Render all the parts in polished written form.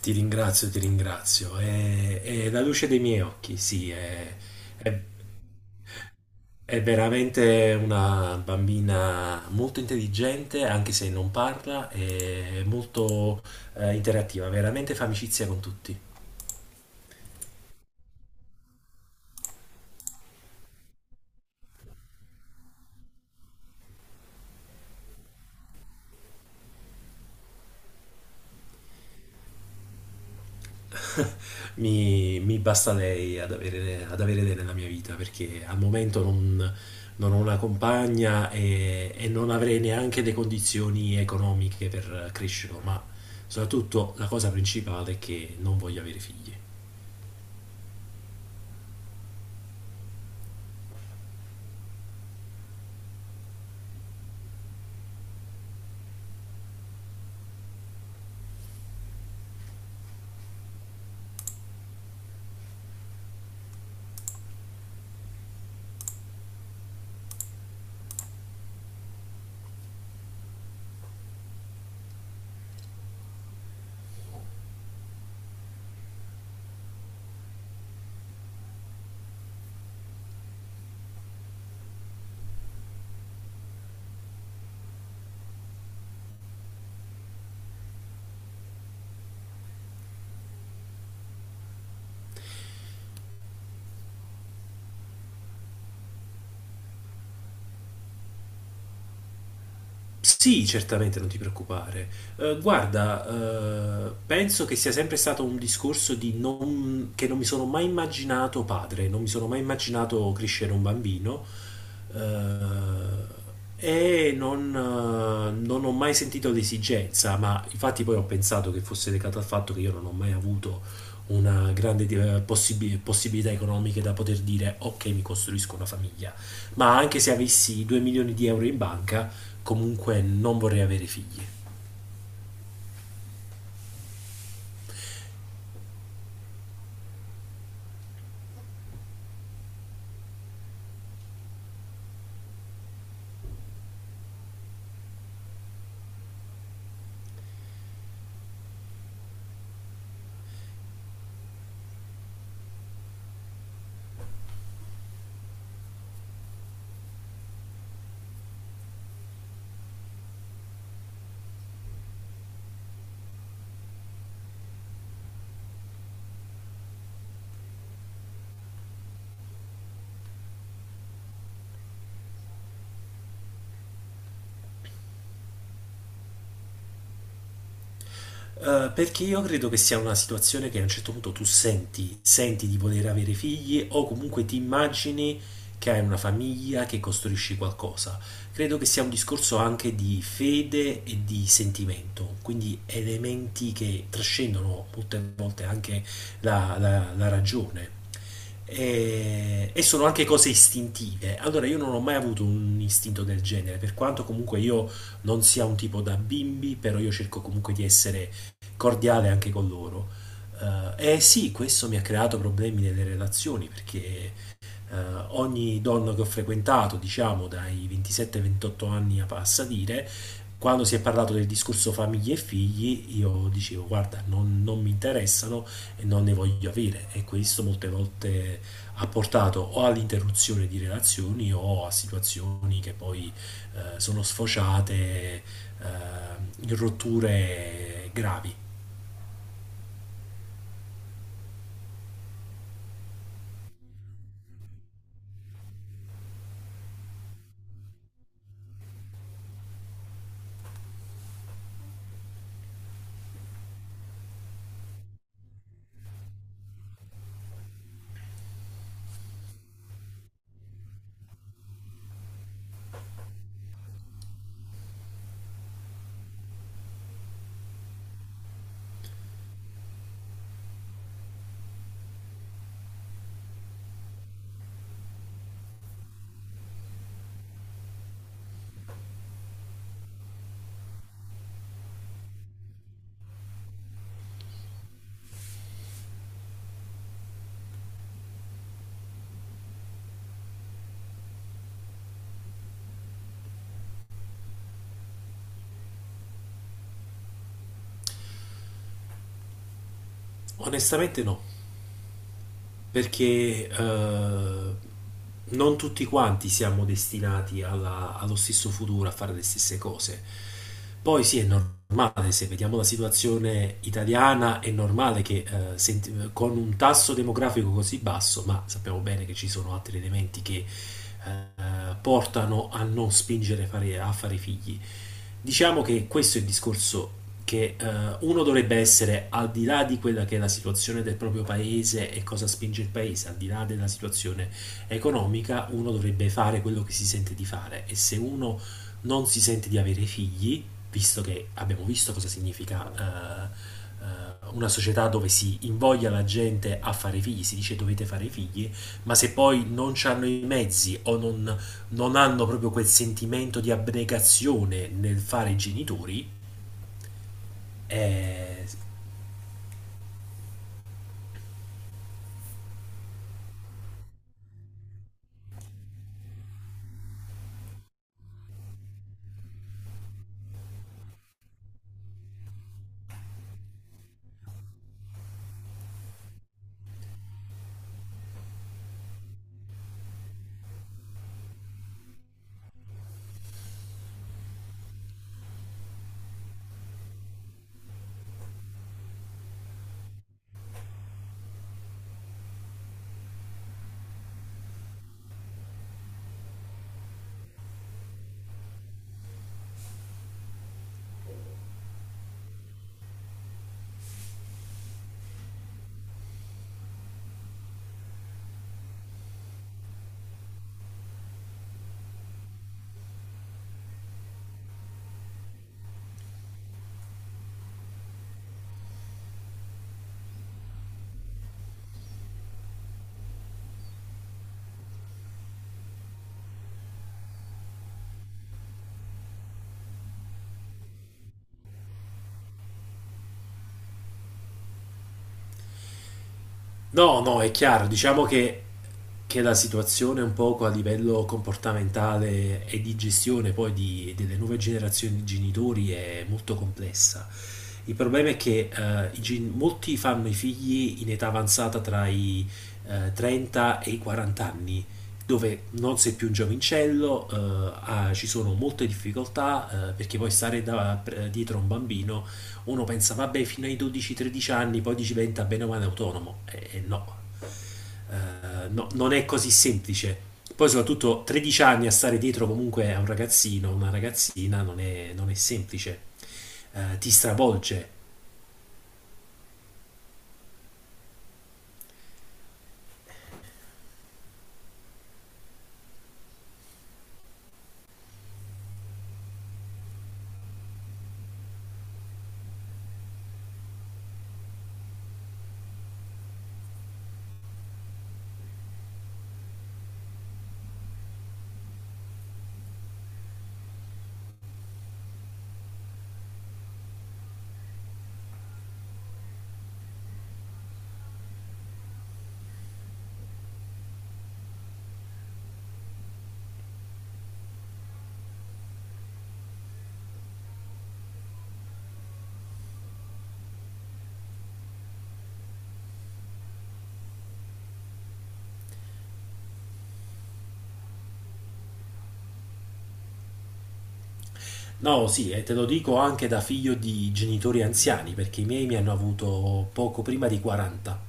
Ti ringrazio, ti ringrazio. È la luce dei miei occhi, sì, è- è veramente una bambina molto intelligente, anche se non parla, è molto interattiva, veramente fa amicizia con tutti. Mi basta lei ad avere lei nella mia vita perché al momento non ho una compagna e non avrei neanche le condizioni economiche per crescerlo, ma soprattutto la cosa principale è che non voglio avere figli. Sì, certamente, non ti preoccupare. Guarda, penso che sia sempre stato un discorso di non, che non mi sono mai immaginato padre, non mi sono mai immaginato crescere un bambino eh, e non ho mai sentito l'esigenza, ma infatti poi ho pensato che fosse legato al fatto che io non ho mai avuto una grande possibilità economiche da poter dire ok, mi costruisco una famiglia, ma anche se avessi 2 milioni di euro in banca, comunque non vorrei avere figli. Perché io credo che sia una situazione che a un certo punto tu senti, senti di poter avere figli o comunque ti immagini che hai una famiglia, che costruisci qualcosa. Credo che sia un discorso anche di fede e di sentimento, quindi elementi che trascendono molte volte anche la ragione. E sono anche cose istintive. Allora, io non ho mai avuto un istinto del genere, per quanto comunque io non sia un tipo da bimbi, però io cerco comunque di essere cordiale anche con loro. E sì, questo mi ha creato problemi nelle relazioni perché eh, ogni donna che ho frequentato, diciamo dai 27-28 anni a passadire, quando si è parlato del discorso famiglie e figli, io dicevo guarda, non mi interessano e non ne voglio avere, e questo molte volte ha portato o all'interruzione di relazioni o a situazioni che poi sono sfociate in rotture gravi. Onestamente no, perché non tutti quanti siamo destinati allo stesso futuro, a fare le stesse cose. Poi sì, è normale, se vediamo la situazione italiana, è normale che con un tasso demografico così basso, ma sappiamo bene che ci sono altri elementi che portano a non spingere a fare figli. Diciamo che questo è il discorso che uno dovrebbe essere al di là di quella che è la situazione del proprio paese e cosa spinge il paese, al di là della situazione economica. Uno dovrebbe fare quello che si sente di fare, e se uno non si sente di avere figli, visto che abbiamo visto cosa significa una società dove si invoglia la gente a fare figli, si dice dovete fare figli, ma se poi non hanno i mezzi o non, non hanno proprio quel sentimento di abnegazione nel fare i genitori, eh, no, no, è chiaro, che la situazione un poco a livello comportamentale e di gestione poi delle nuove generazioni di genitori è molto complessa. Il problema è che molti fanno i figli in età avanzata tra i 30 e i 40 anni, dove non sei più un giovincello. Ci sono molte difficoltà, perché poi stare dietro a un bambino, uno pensa vabbè fino ai 12-13 anni poi diventa bene o male autonomo e no. No, non è così semplice. Poi soprattutto 13 anni a stare dietro comunque a un ragazzino, una ragazzina non è semplice. Ti stravolge. No, sì, e te lo dico anche da figlio di genitori anziani, perché i miei mi hanno avuto poco prima di 40.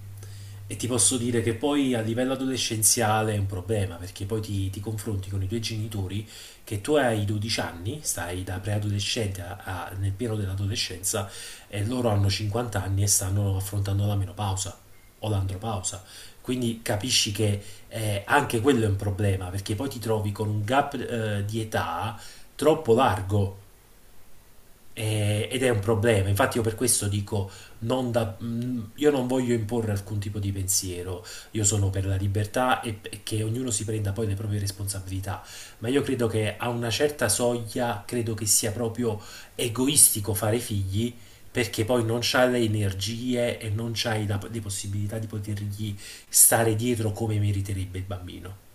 E ti posso dire che poi a livello adolescenziale è un problema, perché poi ti confronti con i tuoi genitori, che tu hai 12 anni, stai da preadolescente nel pieno dell'adolescenza e loro hanno 50 anni e stanno affrontando la menopausa o l'andropausa. Quindi capisci che anche quello è un problema, perché poi ti trovi con un gap di età troppo largo. Ed è un problema. Infatti, io per questo dico: non da- mm, io non voglio imporre alcun tipo di pensiero. Io sono per la libertà e che ognuno si prenda poi le proprie responsabilità. Ma io credo che a una certa soglia, credo che sia proprio egoistico fare figli. Perché poi non c'hai le energie e non c'hai le possibilità di potergli stare dietro come meriterebbe il bambino.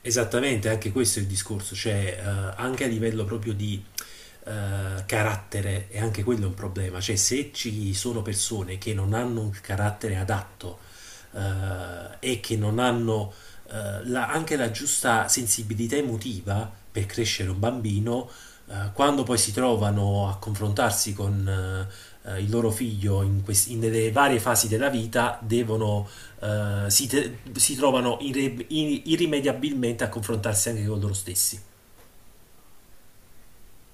Esattamente, anche questo è il discorso, cioè anche a livello proprio di carattere, e anche quello è un problema, cioè se ci sono persone che non hanno un carattere adatto e che non hanno anche la giusta sensibilità emotiva per crescere un bambino, quando poi si trovano a confrontarsi con il loro figlio in nelle varie fasi della vita, devono, si trovano irrimediabilmente a confrontarsi anche con loro stessi.